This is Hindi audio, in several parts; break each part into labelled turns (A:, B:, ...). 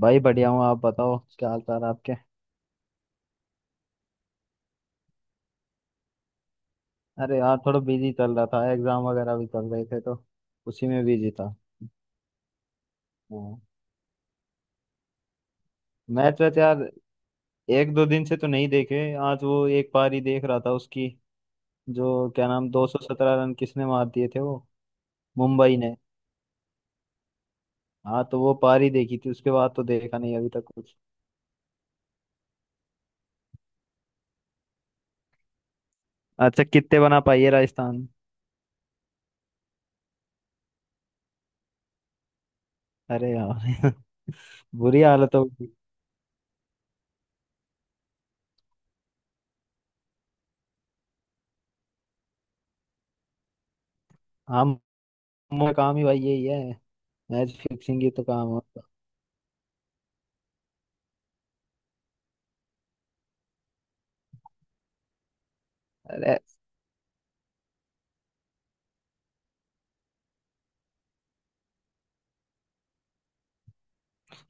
A: भाई बढ़िया हूँ। आप बताओ क्या हाल चाल है आपके। अरे यार थोड़ा बिजी चल रहा था, एग्जाम वगैरह भी चल रहे थे तो उसी में बिजी था। हाँ। मैच वैच यार, एक दो दिन से तो नहीं देखे। आज वो एक पारी देख रहा था उसकी। जो क्या नाम, 217 रन किसने मार दिए थे वो। मुंबई ने हाँ। तो वो पारी देखी थी, उसके बाद तो देखा नहीं अभी तक कुछ। अच्छा, कितने बना पाई है राजस्थान। अरे यार। बुरी हालत हो गई। हम हम का काम ही भाई यही है। मैच फिक्सिंग ही तो काम होता है।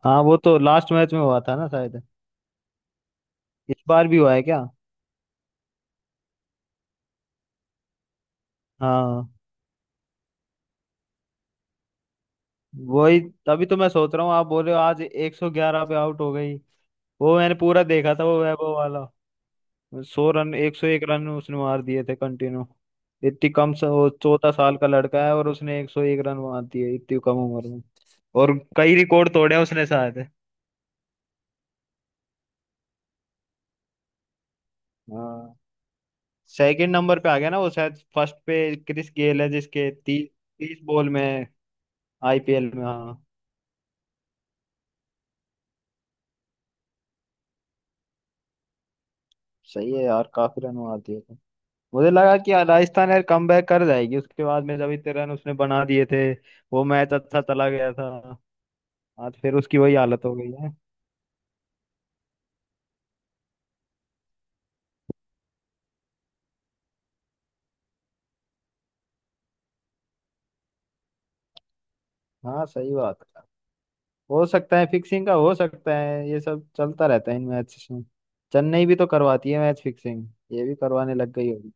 A: हाँ, वो तो लास्ट मैच में हुआ था ना शायद। इस बार भी हुआ है क्या। हाँ वही। तभी तो मैं सोच रहा हूँ, आप बोल रहे हो आज 111 पे आउट हो गई। वो मैंने पूरा देखा था वो वैभव वाला। सौ रन, 101 रन उसने मार दिए थे कंटिन्यू। इतनी कम से, वो 14 साल का लड़का है और उसने 101 रन मार दिए इतनी कम उम्र में। और कई रिकॉर्ड तोड़े हैं उसने शायद। हाँ, सेकंड नंबर पे आ गया ना वो, शायद फर्स्ट पे क्रिस गेल है जिसके 30 30 बॉल में आईपीएल में। हाँ सही है यार, काफी रन मार दिए थे। मुझे लगा कि राजस्थान यार कम बैक कर जाएगी उसके बाद में, जब इतने रन उसने बना दिए थे। वो मैच अच्छा चला गया था। आज फिर उसकी वही हालत हो गई है। हाँ सही बात है। हो सकता है फिक्सिंग का, हो सकता है। ये सब चलता रहता है इन मैच में। चेन्नई भी तो करवाती है मैच फिक्सिंग, ये भी करवाने लग गई होगी।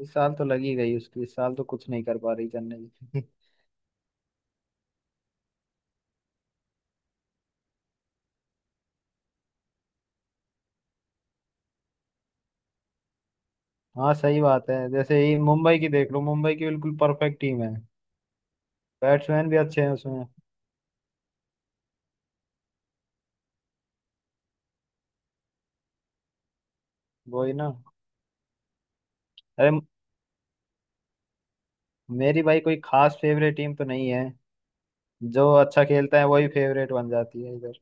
A: इस साल तो लगी गई उसकी, इस साल तो कुछ नहीं कर पा रही चेन्नई। हाँ सही बात है। जैसे ये मुंबई की देख लो, मुंबई की बिल्कुल परफेक्ट टीम है। बैट्समैन भी अच्छे हैं उसमें। वही ना। अरे, मेरी भाई कोई खास फेवरेट टीम तो नहीं है। जो अच्छा खेलता है वही फेवरेट बन जाती है इधर।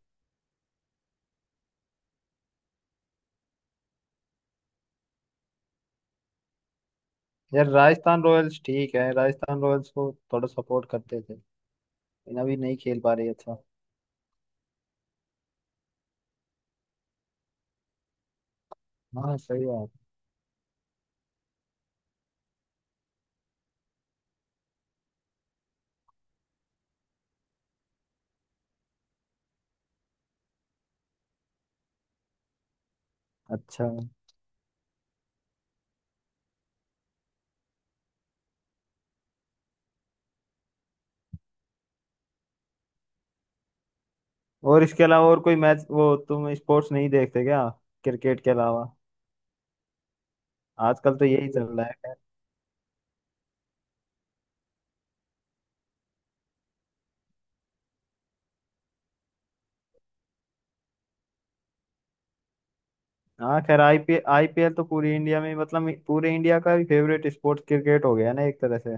A: यार राजस्थान रॉयल्स ठीक है, राजस्थान रॉयल्स को थोड़ा सपोर्ट करते थे। लेकिन अभी नहीं खेल पा रही। अच्छा। हाँ सही बात। अच्छा और इसके अलावा और कोई मैच वो तुम स्पोर्ट्स नहीं देखते क्या, क्रिकेट के अलावा। आजकल तो यही चल रहा है खैर। हाँ खैर, आईपीएल आईपीएल तो पूरी इंडिया में, मतलब पूरे इंडिया का फेवरेट स्पोर्ट्स क्रिकेट हो गया ना एक तरह से।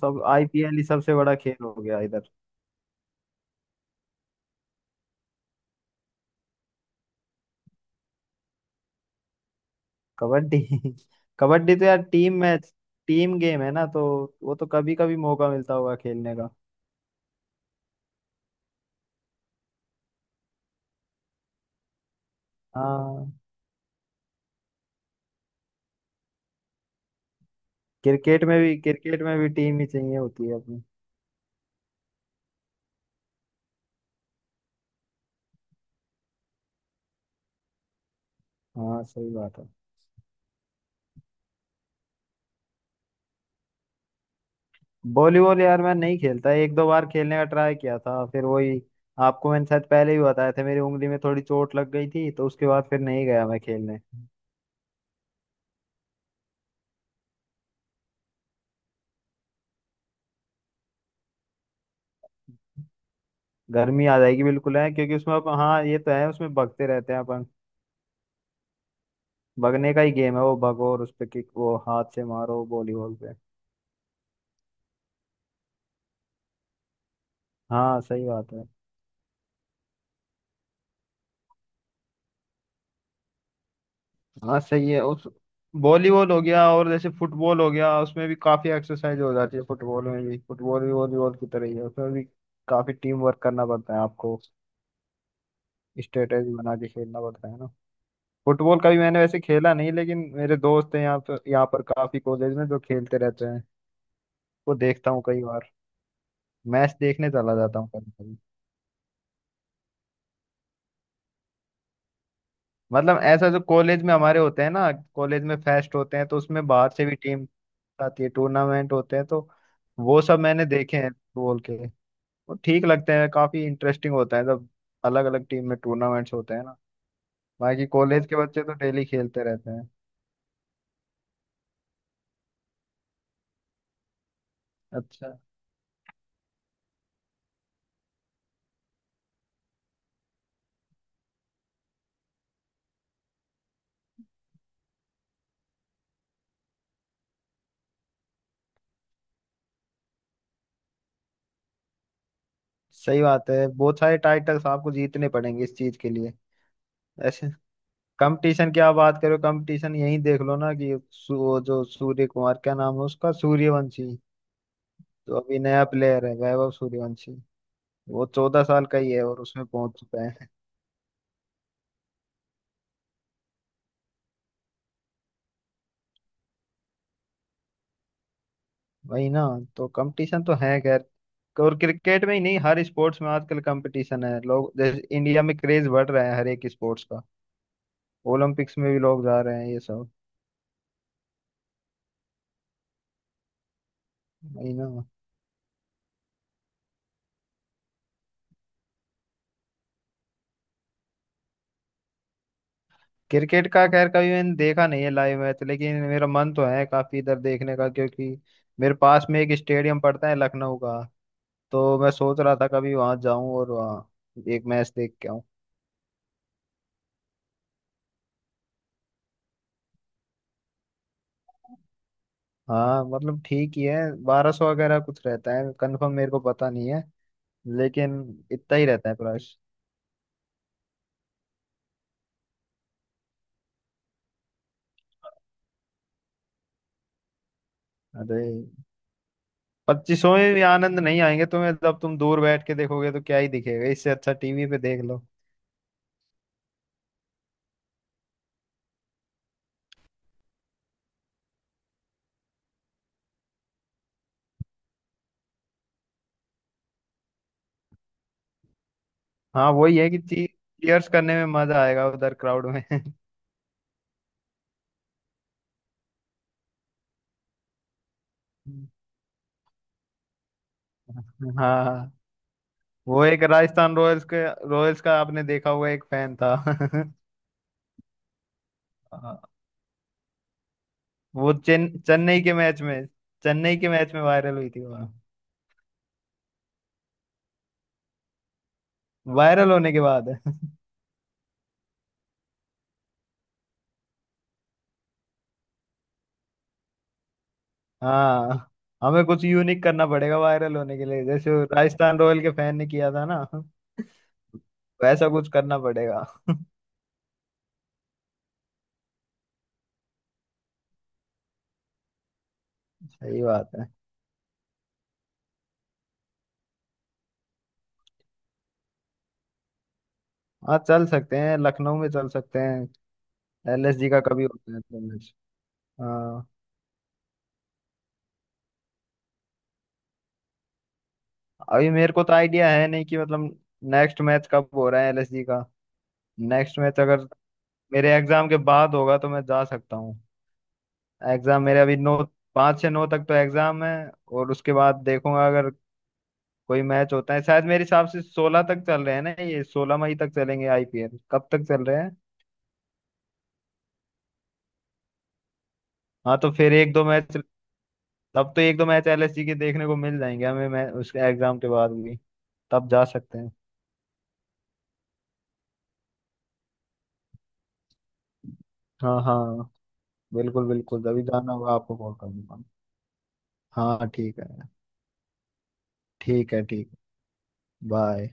A: सब आईपीएल ही सबसे बड़ा खेल हो गया इधर। कबड्डी। कबड्डी तो यार टीम मैच, टीम गेम है ना तो वो तो कभी कभी मौका मिलता होगा खेलने का। हाँ, क्रिकेट में भी टीम ही चाहिए होती है अपनी। हाँ सही बात है। वॉलीबॉल यार मैं नहीं खेलता, एक दो बार खेलने का ट्राई किया था फिर वही। आपको मैंने शायद पहले ही बताया था मेरी उंगली में थोड़ी चोट लग गई थी, तो उसके बाद फिर नहीं गया मैं खेलने। गर्मी आ जाएगी बिल्कुल है, क्योंकि उसमें अपन, हाँ ये तो है, उसमें भगते रहते हैं अपन। भगने का ही गेम है वो, भगो और उस पे किक, वो हाथ से मारो वॉलीबॉल पे। हाँ सही बात है। हाँ सही है उस। वॉलीबॉल हो गया, और जैसे फुटबॉल हो गया उसमें भी काफी एक्सरसाइज हो जाती है, फुटबॉल में भी। फुटबॉल भी वॉलीबॉल की तरह ही है, उसमें भी काफी टीम वर्क करना पड़ता है आपको। स्ट्रेटेजी बना के खेलना पड़ता है ना। फुटबॉल का भी मैंने वैसे खेला नहीं, लेकिन मेरे दोस्त हैं यहाँ पर काफी, कॉलेज में जो खेलते रहते हैं। वो देखता हूँ कई बार, मैच देखने चला जाता हूँ कभी कभी। मतलब ऐसा जो कॉलेज में हमारे होते हैं ना, कॉलेज में फेस्ट होते हैं तो उसमें बाहर से भी टीम आती है, टूर्नामेंट होते हैं तो। वो सब मैंने देखे हैं फुटबॉल के। वो ठीक लगते हैं, काफी इंटरेस्टिंग होता है जब अलग अलग टीम में टूर्नामेंट्स होते हैं ना। बाकी कॉलेज के बच्चे तो डेली खेलते रहते हैं। अच्छा। सही बात है, बहुत सारे टाइटल्स आपको जीतने पड़ेंगे इस चीज के लिए। ऐसे कंपटीशन की आप बात करो, कंपटीशन यही देख लो ना कि वो जो सूर्य कुमार, क्या नाम है उसका, सूर्यवंशी, जो अभी नया प्लेयर है, वैभव सूर्यवंशी। वो 14 साल का ही है और उसमें पहुंच चुका है। वही ना। तो कंपटीशन तो है खैर। और क्रिकेट में ही नहीं, हर स्पोर्ट्स में आजकल कंपटीशन है। लोग जैसे इंडिया में क्रेज बढ़ रहा है हर एक स्पोर्ट्स का। ओलंपिक्स में भी लोग जा रहे हैं ये सब। वही ना। क्रिकेट का खैर कभी मैंने देखा नहीं है लाइव मैच, लेकिन मेरा मन तो है काफी इधर देखने का, क्योंकि मेरे पास में एक स्टेडियम पड़ता है लखनऊ का। तो मैं सोच रहा था कभी वहां जाऊं और वहाँ एक मैच देख के आऊं। हाँ मतलब ठीक ही है। 1200 वगैरह कुछ रहता है, कंफर्म मेरे को पता नहीं है लेकिन। इतना ही रहता है प्राइस। अरे, पच्चीसों में भी आनंद नहीं आएंगे तुम्हें, जब तुम दूर बैठ के देखोगे तो क्या ही दिखेगा। इससे अच्छा टीवी पे देख लो। हाँ वही है कि चीयर्स करने में मजा आएगा उधर क्राउड में। हाँ, वो एक राजस्थान रॉयल्स के, रॉयल्स का आपने देखा होगा एक फैन था। हाँ, वो चेन्नई के मैच में, चेन्नई के मैच में वायरल हुई थी वो। वायरल होने के बाद। हाँ। हमें कुछ यूनिक करना पड़ेगा वायरल होने के लिए, जैसे वो राजस्थान रॉयल के फैन ने किया था ना, वैसा कुछ करना पड़ेगा। सही बात है। हाँ चल सकते हैं, लखनऊ में चल सकते हैं। एलएसजी का कभी होता है तो मैच। हाँ, अभी मेरे को तो आइडिया है नहीं कि मतलब नेक्स्ट मैच कब हो रहा है एलएसजी का। नेक्स्ट मैच अगर मेरे एग्जाम के बाद होगा तो मैं जा सकता हूँ। एग्जाम मेरे अभी नौ, पाँच से नौ तक तो एग्जाम है। और उसके बाद देखूंगा अगर कोई मैच होता है, शायद मेरे हिसाब से 16 तक चल रहे हैं ना ये, 16 मई तक चलेंगे आईपीएल, कब तक चल रहे हैं। हाँ तो फिर एक दो मैच, अब तो एक दो मैच एलएसजी के देखने को मिल जाएंगे हमें। मैं उसके एग्जाम के बाद भी तब जा सकते हैं। हाँ हाँ, बिल्कुल बिल्कुल, जब भी जाना होगा आपको कॉल कर दूंगा। हाँ ठीक है। ठीक है ठीक। बाय।